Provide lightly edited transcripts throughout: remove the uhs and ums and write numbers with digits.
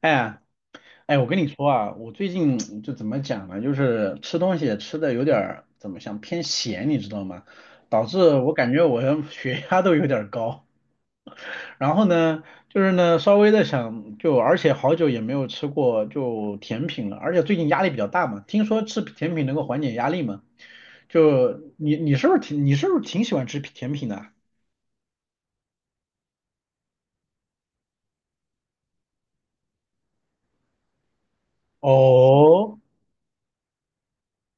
哎哎，我跟你说啊，我最近就怎么讲呢，就是吃东西也吃的有点儿怎么想偏咸，你知道吗？导致我感觉我的血压都有点儿高。然后呢，就是呢稍微的想就，而且好久也没有吃过就甜品了，而且最近压力比较大嘛，听说吃甜品能够缓解压力嘛。就你是不是挺喜欢吃甜品的啊？哦，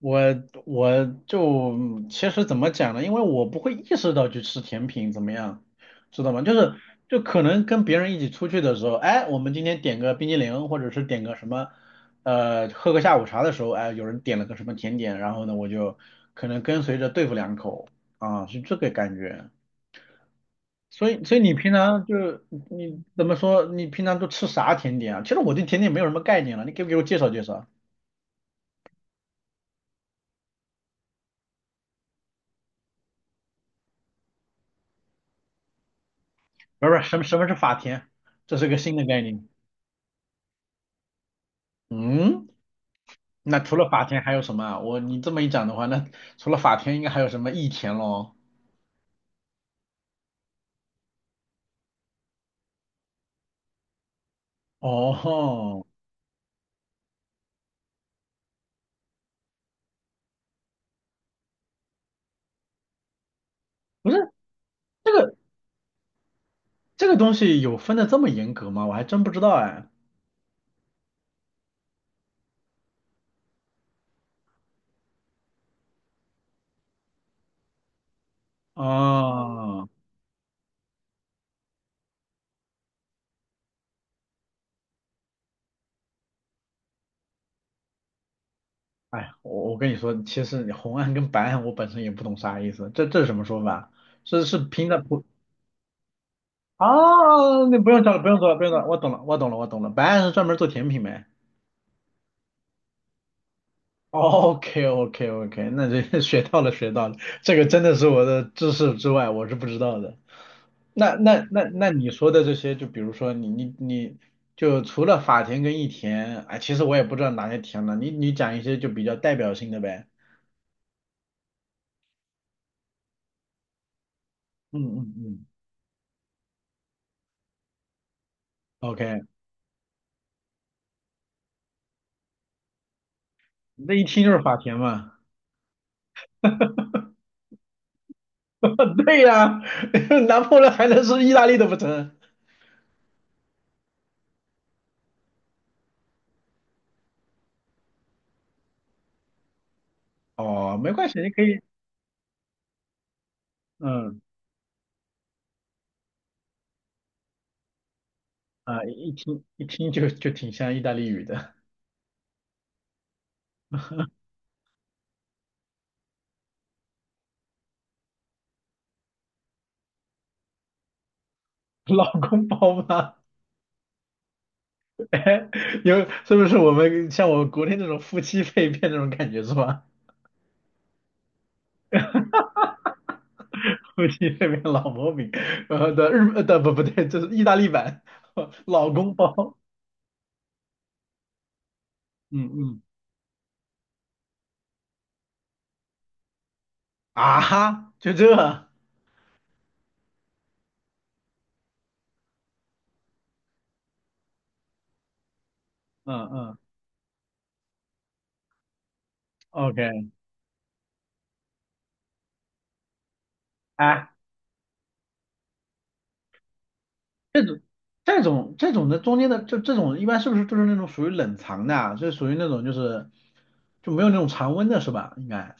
我我就其实怎么讲呢？因为我不会意识到去吃甜品怎么样，知道吗？就是可能跟别人一起出去的时候，哎，我们今天点个冰激凌，或者是点个什么，喝个下午茶的时候，哎，有人点了个什么甜点，然后呢，我就可能跟随着对付两口啊，是这个感觉。所以你平常就是你怎么说？你平常都吃啥甜点啊？其实我对甜点没有什么概念了，你给不给我介绍介绍？不是不是，什么是法甜？这是个新的概念。嗯，那除了法田还有什么啊？你这么一讲的话，那除了法田应该还有什么益田咯？哦，不是，这个这个东西有分的这么严格吗？我还真不知道哎。哦，哎，我跟你说，其实你红案跟白案我本身也不懂啥意思，这是什么说法？是拼的不啊？那不用找了，不用找了，不用找了，我懂了，我懂了，我懂了。白案是专门做甜品呗。OK OK OK，那就 学到了学到了，这个真的是我的知识之外，我是不知道的。那你说的这些，就比如说你就除了法田跟益田，哎，其实我也不知道哪些田了，你讲一些就比较代表性的呗。嗯嗯嗯，OK，那一听就是法田嘛。对呀。拿破仑还能是意大利的不成？哦，没关系，你可以，嗯啊，一听一听就挺像意大利语的，老公包吗？是不是我们像我国内那种夫妻肺片那种感觉是吧？夫妻肺片老婆饼，呃的日呃，的不不对，这是意大利版 老公包，嗯嗯，啊哈，就这，嗯嗯，OK，哎，这种这种的中间的这种一般是不是就是那种属于冷藏的啊？是属于那种就是没有那种常温的是吧？应该，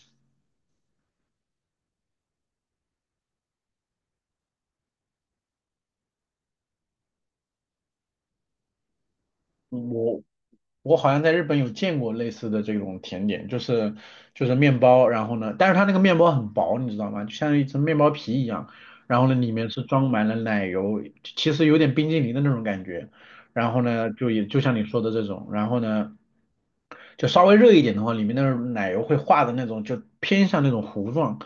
我我好像在日本有见过类似的这种甜点，就是面包，然后呢，但是它那个面包很薄，你知道吗？就像一层面包皮一样，然后呢，里面是装满了奶油，其实有点冰激凌的那种感觉。然后呢，就也就像你说的这种，然后呢，就稍微热一点的话，里面的奶油会化的那种，就偏向那种糊状，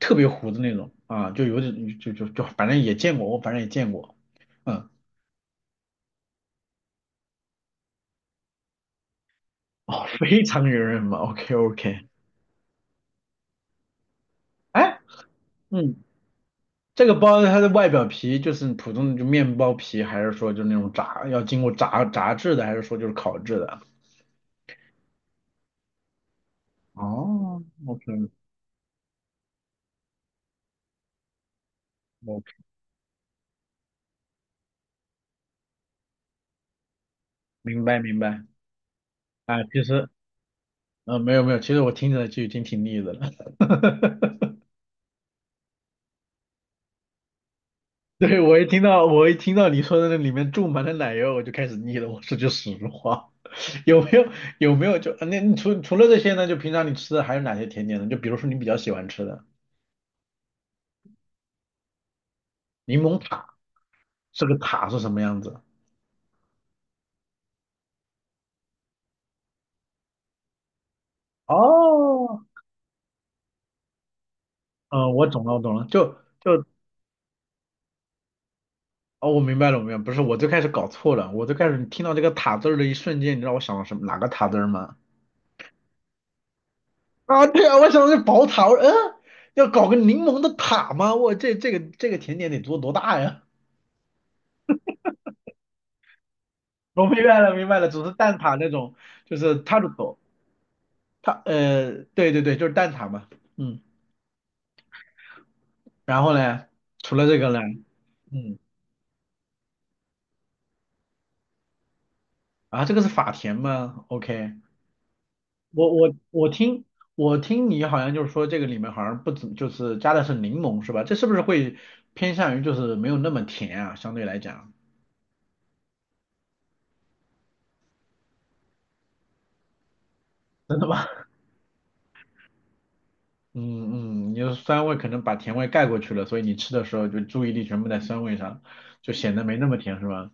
特别糊的那种啊，就有点就就就反正也见过，我反正也见过，嗯，哦，非常圆润嘛，OK OK，哎。嗯。这个包它的外表皮就是普通的就面包皮，还是说就那种炸，要经过炸制的，还是说就是烤制的？哦，OK，OK，明白明白。啊，其实，嗯，没有没有，其实我听起来就已经挺腻的了。对，我一听到我一听到你说的那里面注满了奶油，我就开始腻了。我说句实话，有没有有没有那你除了这些呢？就平常你吃的还有哪些甜点呢？就比如说你比较喜欢吃的柠檬塔，这个塔是什么样子？哦，嗯，我懂了，我懂了，就哦，我明白了，我明白了不是，我最开始搞错了，我最开始听到这个塔字儿的一瞬间，你知道我想到什么哪个塔字儿吗？啊，对啊，我想到是宝塔，我说嗯。要搞个柠檬的塔吗？我这这个这个甜点得做多大呀？我明白了，明白了，只是蛋挞那种，就是塔鲁朵，它对对对，就是蛋挞嘛，嗯，然后呢，除了这个呢，嗯，啊，这个是法甜吗？OK，我我我听我听你好像就是说这个里面好像不怎就是加的是柠檬是吧？这是不是会偏向于就是没有那么甜啊？相对来讲，真的吗？嗯嗯，你的酸味可能把甜味盖过去了，所以你吃的时候就注意力全部在酸味上，就显得没那么甜是吧？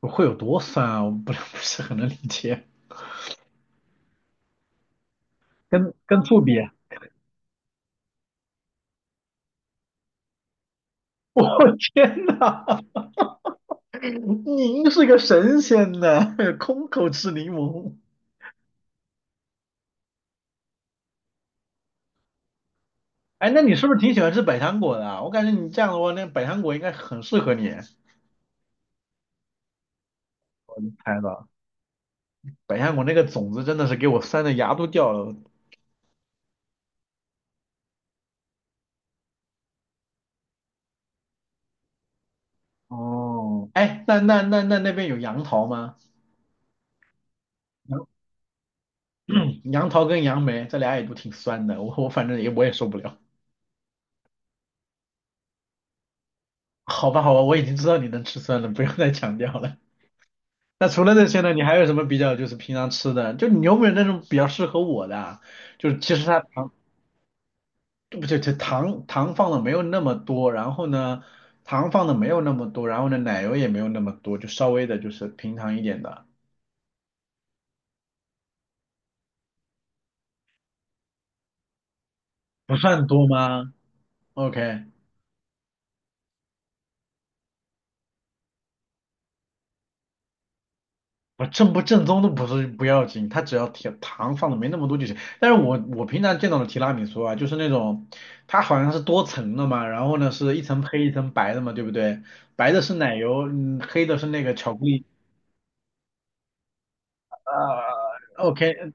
会有多酸啊？我不 不是很能理解，跟醋比 我天呐，您是个神仙呢，空口吃柠檬。哎，那你是不是挺喜欢吃百香果的啊？我感觉你这样的话，那百香果应该很适合你。我能猜到，百香果那个种子真的是给我酸的牙都掉了。哦，哎，那那边有杨桃吗？杨杨桃跟杨梅这俩也都挺酸的，我反正也我也受不了。好吧好吧，我已经知道你能吃酸了，不用再强调了。那除了这些呢，你还有什么比较就是平常吃的？就你有没有那种比较适合我的啊？就是其实它对不对？这糖放的没有那么多，然后呢，糖放的没有那么多，然后呢，奶油也没有那么多，就稍微的就是平常一点的，不算多吗？OK，我正不正宗都不是不要紧，它只要甜糖放的没那么多就行。但是我平常见到的提拉米苏啊，就是那种它好像是多层的嘛，然后呢是一层黑一层白的嘛，对不对？白的是奶油，嗯，黑的是那个巧克力，啊，o k，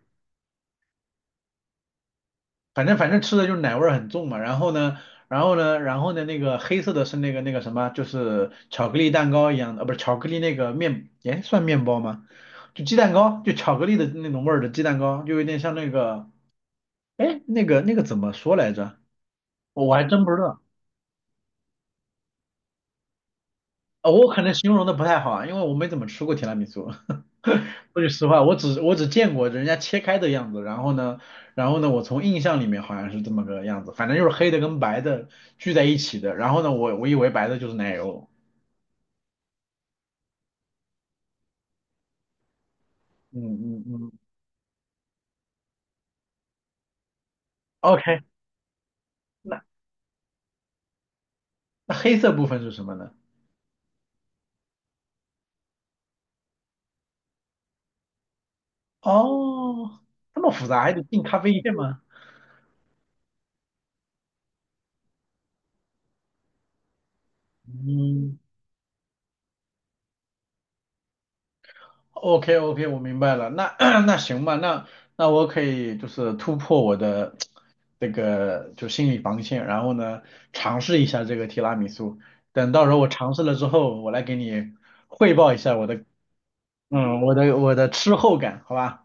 反正吃的就是奶味儿很重嘛。然后呢，然后呢，然后呢，那个黑色的是那个那个什么，就是巧克力蛋糕一样的，不是巧克力那个面，哎，算面包吗？就鸡蛋糕，就巧克力的那种味儿的鸡蛋糕，就有点像那个，哎，那个那个怎么说来着？我还真不知道。哦，我可能形容的不太好啊，因为我没怎么吃过提拉米苏。说句实话，我只见过人家切开的样子，然后呢，然后呢，我从印象里面好像是这么个样子，反正就是黑的跟白的聚在一起的。然后呢，我以为白的就是奶油。嗯嗯嗯，OK，那那黑色部分是什么呢？哦，这么复杂，还得进咖啡店吗？嗯。OK OK，我明白了。那 那行吧，那我可以就是突破我的这个就心理防线，然后呢尝试一下这个提拉米苏。等到时候我尝试了之后，我来给你汇报一下我的嗯我的我的吃后感，好吧？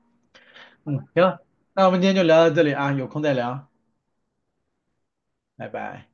嗯，行，那我们今天就聊到这里啊，有空再聊，拜拜。